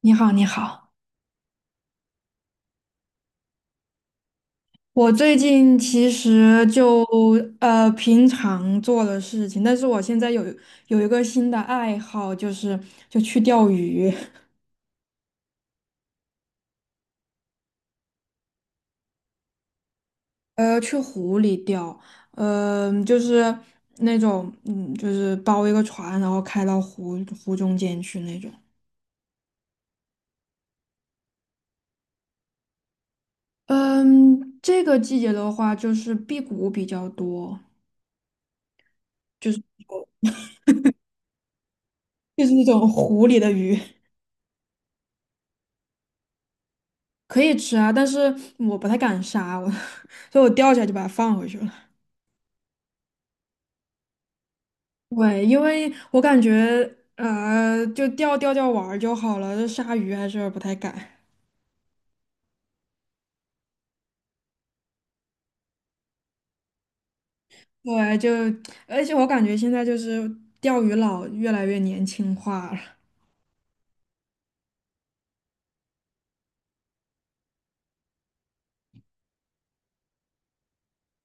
你好，你好。我最近其实就平常做的事情，但是我现在有一个新的爱好，就是就去钓鱼，去湖里钓，就是那种就是包一个船，然后开到湖中间去那种。嗯，这个季节的话，就是辟谷比较多，就是就是那种湖里的鱼。可以吃啊，但是我不太敢杀，我 所以我钓起来就把它放回去了。对，因为我感觉就钓钓钓玩儿就好了，这杀鱼还是不太敢。对，就而且我感觉现在就是钓鱼佬越来越年轻化了。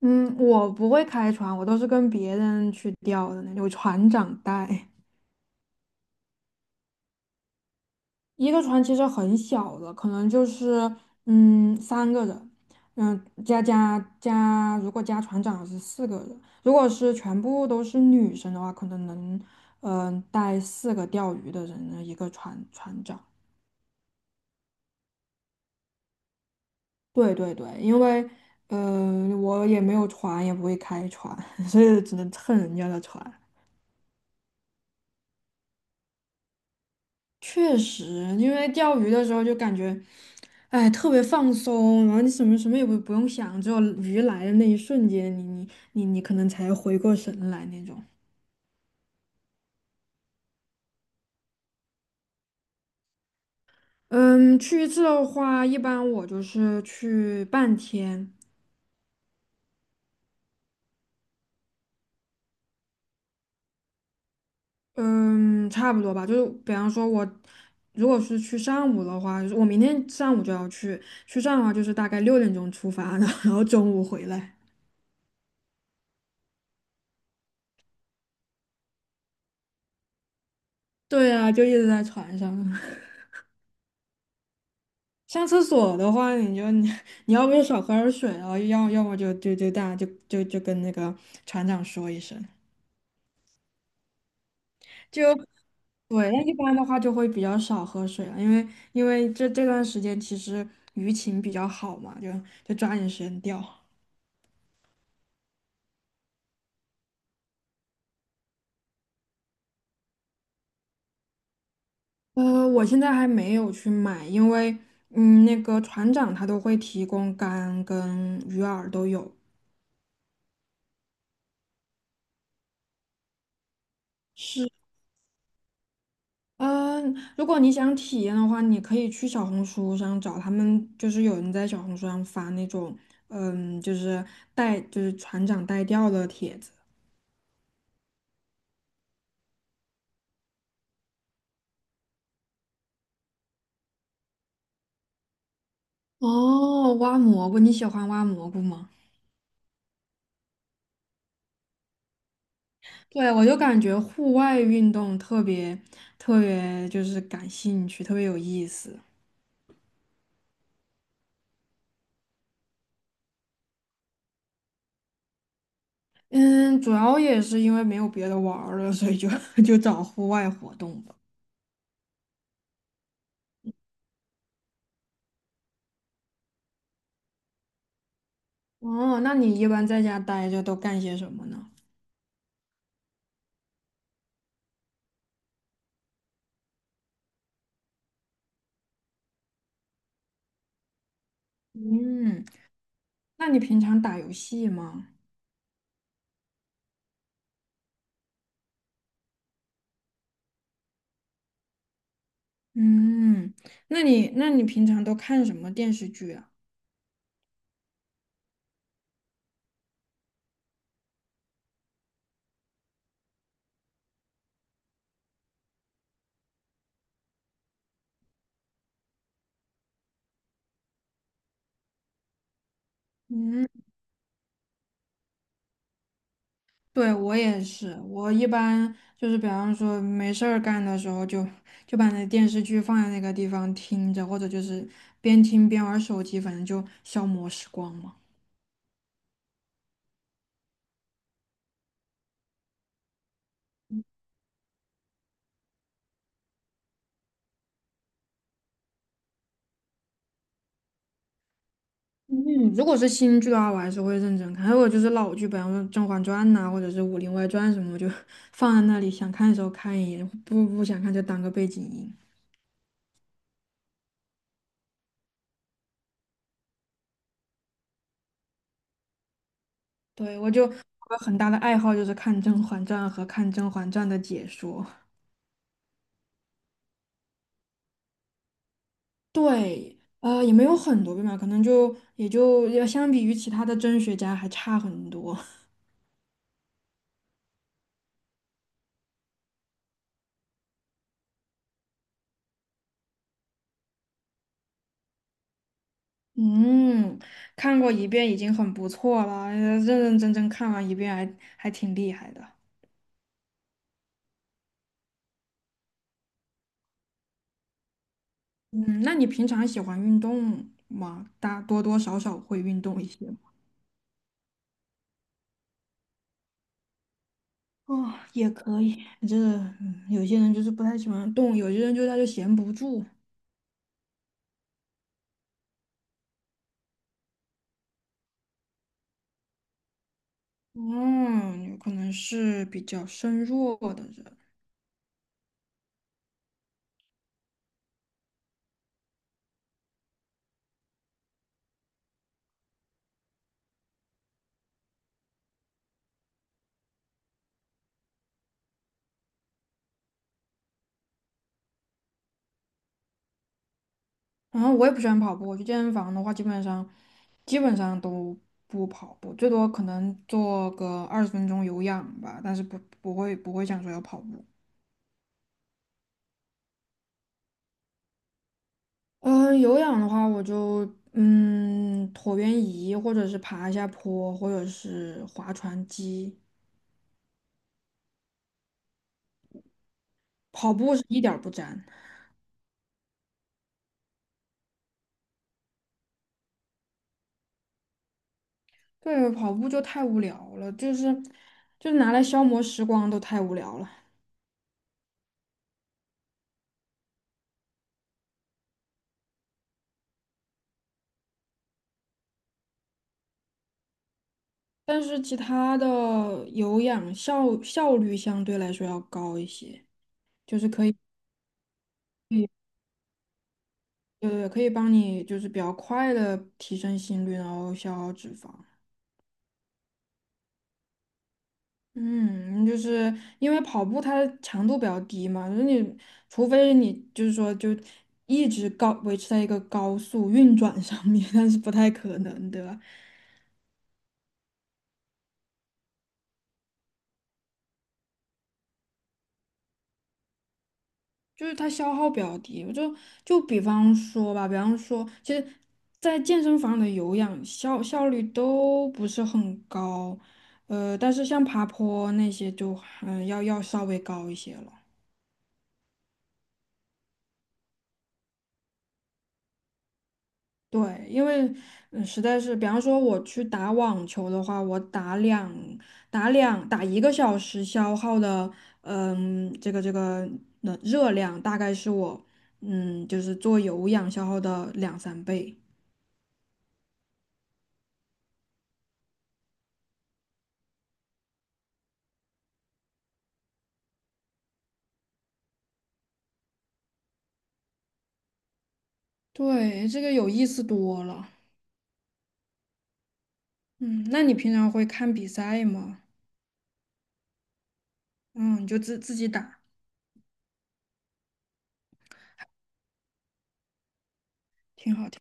嗯，我不会开船，我都是跟别人去钓的那种，船长带。一个船其实很小的，可能就是3个人，嗯加加加，如果加船长是4个人，如果是全部都是女生的话，可能能带四个钓鱼的人的一个船长。对对对，因为我也没有船，也不会开船，所以只能蹭人家的船。确实，因为钓鱼的时候就感觉，哎，特别放松，然后你什么什么也不用想，只有鱼来的那一瞬间，你可能才回过神来那种。嗯，去一次的话，一般我就是去半天，嗯，差不多吧。就是比方说我，如果是去上午的话，就是我明天上午就要去，去上午的话就是大概6点钟出发，然后中午回来。对啊，就一直在船上。上厕所的话，你要不就少喝点水啊，然后要么就大家就跟那个船长说一声。就对，那一般的话就会比较少喝水了，因为这段时间其实鱼情比较好嘛，就抓紧时间钓。我现在还没有去买，因为那个船长他都会提供竿跟鱼饵都有。是。嗯，如果你想体验的话，你可以去小红书上找他们，就是有人在小红书上发那种，就是带就是船长带钓的帖子。哦，挖蘑菇，你喜欢挖蘑菇吗？对，我就感觉户外运动特别特别就是感兴趣，特别有意思。嗯，主要也是因为没有别的玩儿了，所以就 就找户外活动吧。哦，那你一般在家待着都干些什么呢？嗯。那你平常打游戏吗？嗯，那你平常都看什么电视剧啊？嗯，对，我也是，我一般就是比方说没事儿干的时候就把那电视剧放在那个地方听着，或者就是边听边玩手机，反正就消磨时光嘛。嗯，如果是新剧的话，我还是会认真看；还有就是老剧，比方说《甄嬛传》呐，或者是《武林外传》什么，我就 放在那里，想看的时候看一眼，不不想看就当个背景音。对，我有很大的爱好就是看《甄嬛传》和看《甄嬛传》的解说。对，也没有很多遍吧，可能就也就要相比于其他的甄学家还差很多。嗯，看过一遍已经很不错了，认认真真看完一遍还挺厉害的。嗯，那你平常喜欢运动吗？多多少少会运动一些吗？哦，也可以。这有些人就是不太喜欢动，有些人就他就闲不住。嗯，有可能是比较身弱的人。然后我也不喜欢跑步，我去健身房的话，基本上都不跑步，最多可能做个20分钟有氧吧，但是不会想说要跑步。嗯、有氧的话，我就椭圆仪，或者是爬一下坡，或者是划船机。跑步是一点儿不沾，对，跑步就太无聊了，就是拿来消磨时光都太无聊了。但是其他的有氧效率相对来说要高一些，就是可以，对对对，可以帮你就是比较快的提升心率，然后消耗脂肪。嗯，就是因为跑步它强度比较低嘛，就是你除非你就是说就一直高维持在一个高速运转上面，但是不太可能，对吧？就是它消耗比较低。我就比方说吧，比方说，其实，在健身房的有氧效率都不是很高，但是像爬坡那些就要稍微高一些了。对，因为实在是，比方说我去打网球的话，我打1个小时消耗的，这个热量大概是我就是做有氧消耗的两三倍。对，这个有意思多了。嗯，那你平常会看比赛吗？嗯，你就自己打，挺好听。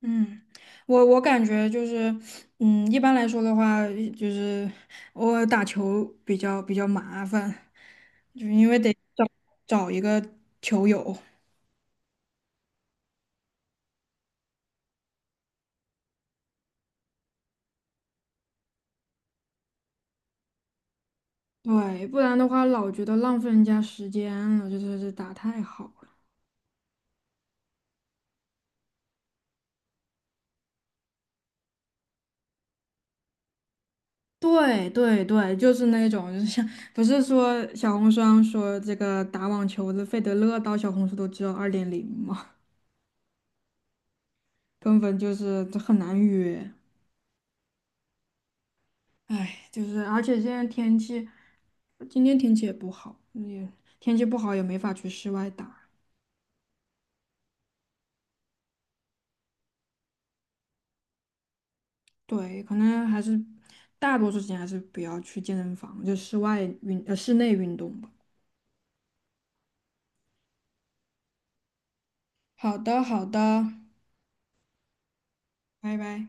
嗯，我感觉就是，一般来说的话，就是我打球比较麻烦，就因为得找一个球友，对，不然的话老觉得浪费人家时间了，就是这打太好。对对对，就是那种，就是像不是说小红书上说这个打网球的费德勒到小红书都只有2.0嘛，根本就是这很难约。唉，就是而且现在天气，今天天气也不好，也天气不好也没法去室外打。对，可能还是大多数时间还是不要去健身房，就室内运动吧。好的，好的，拜拜。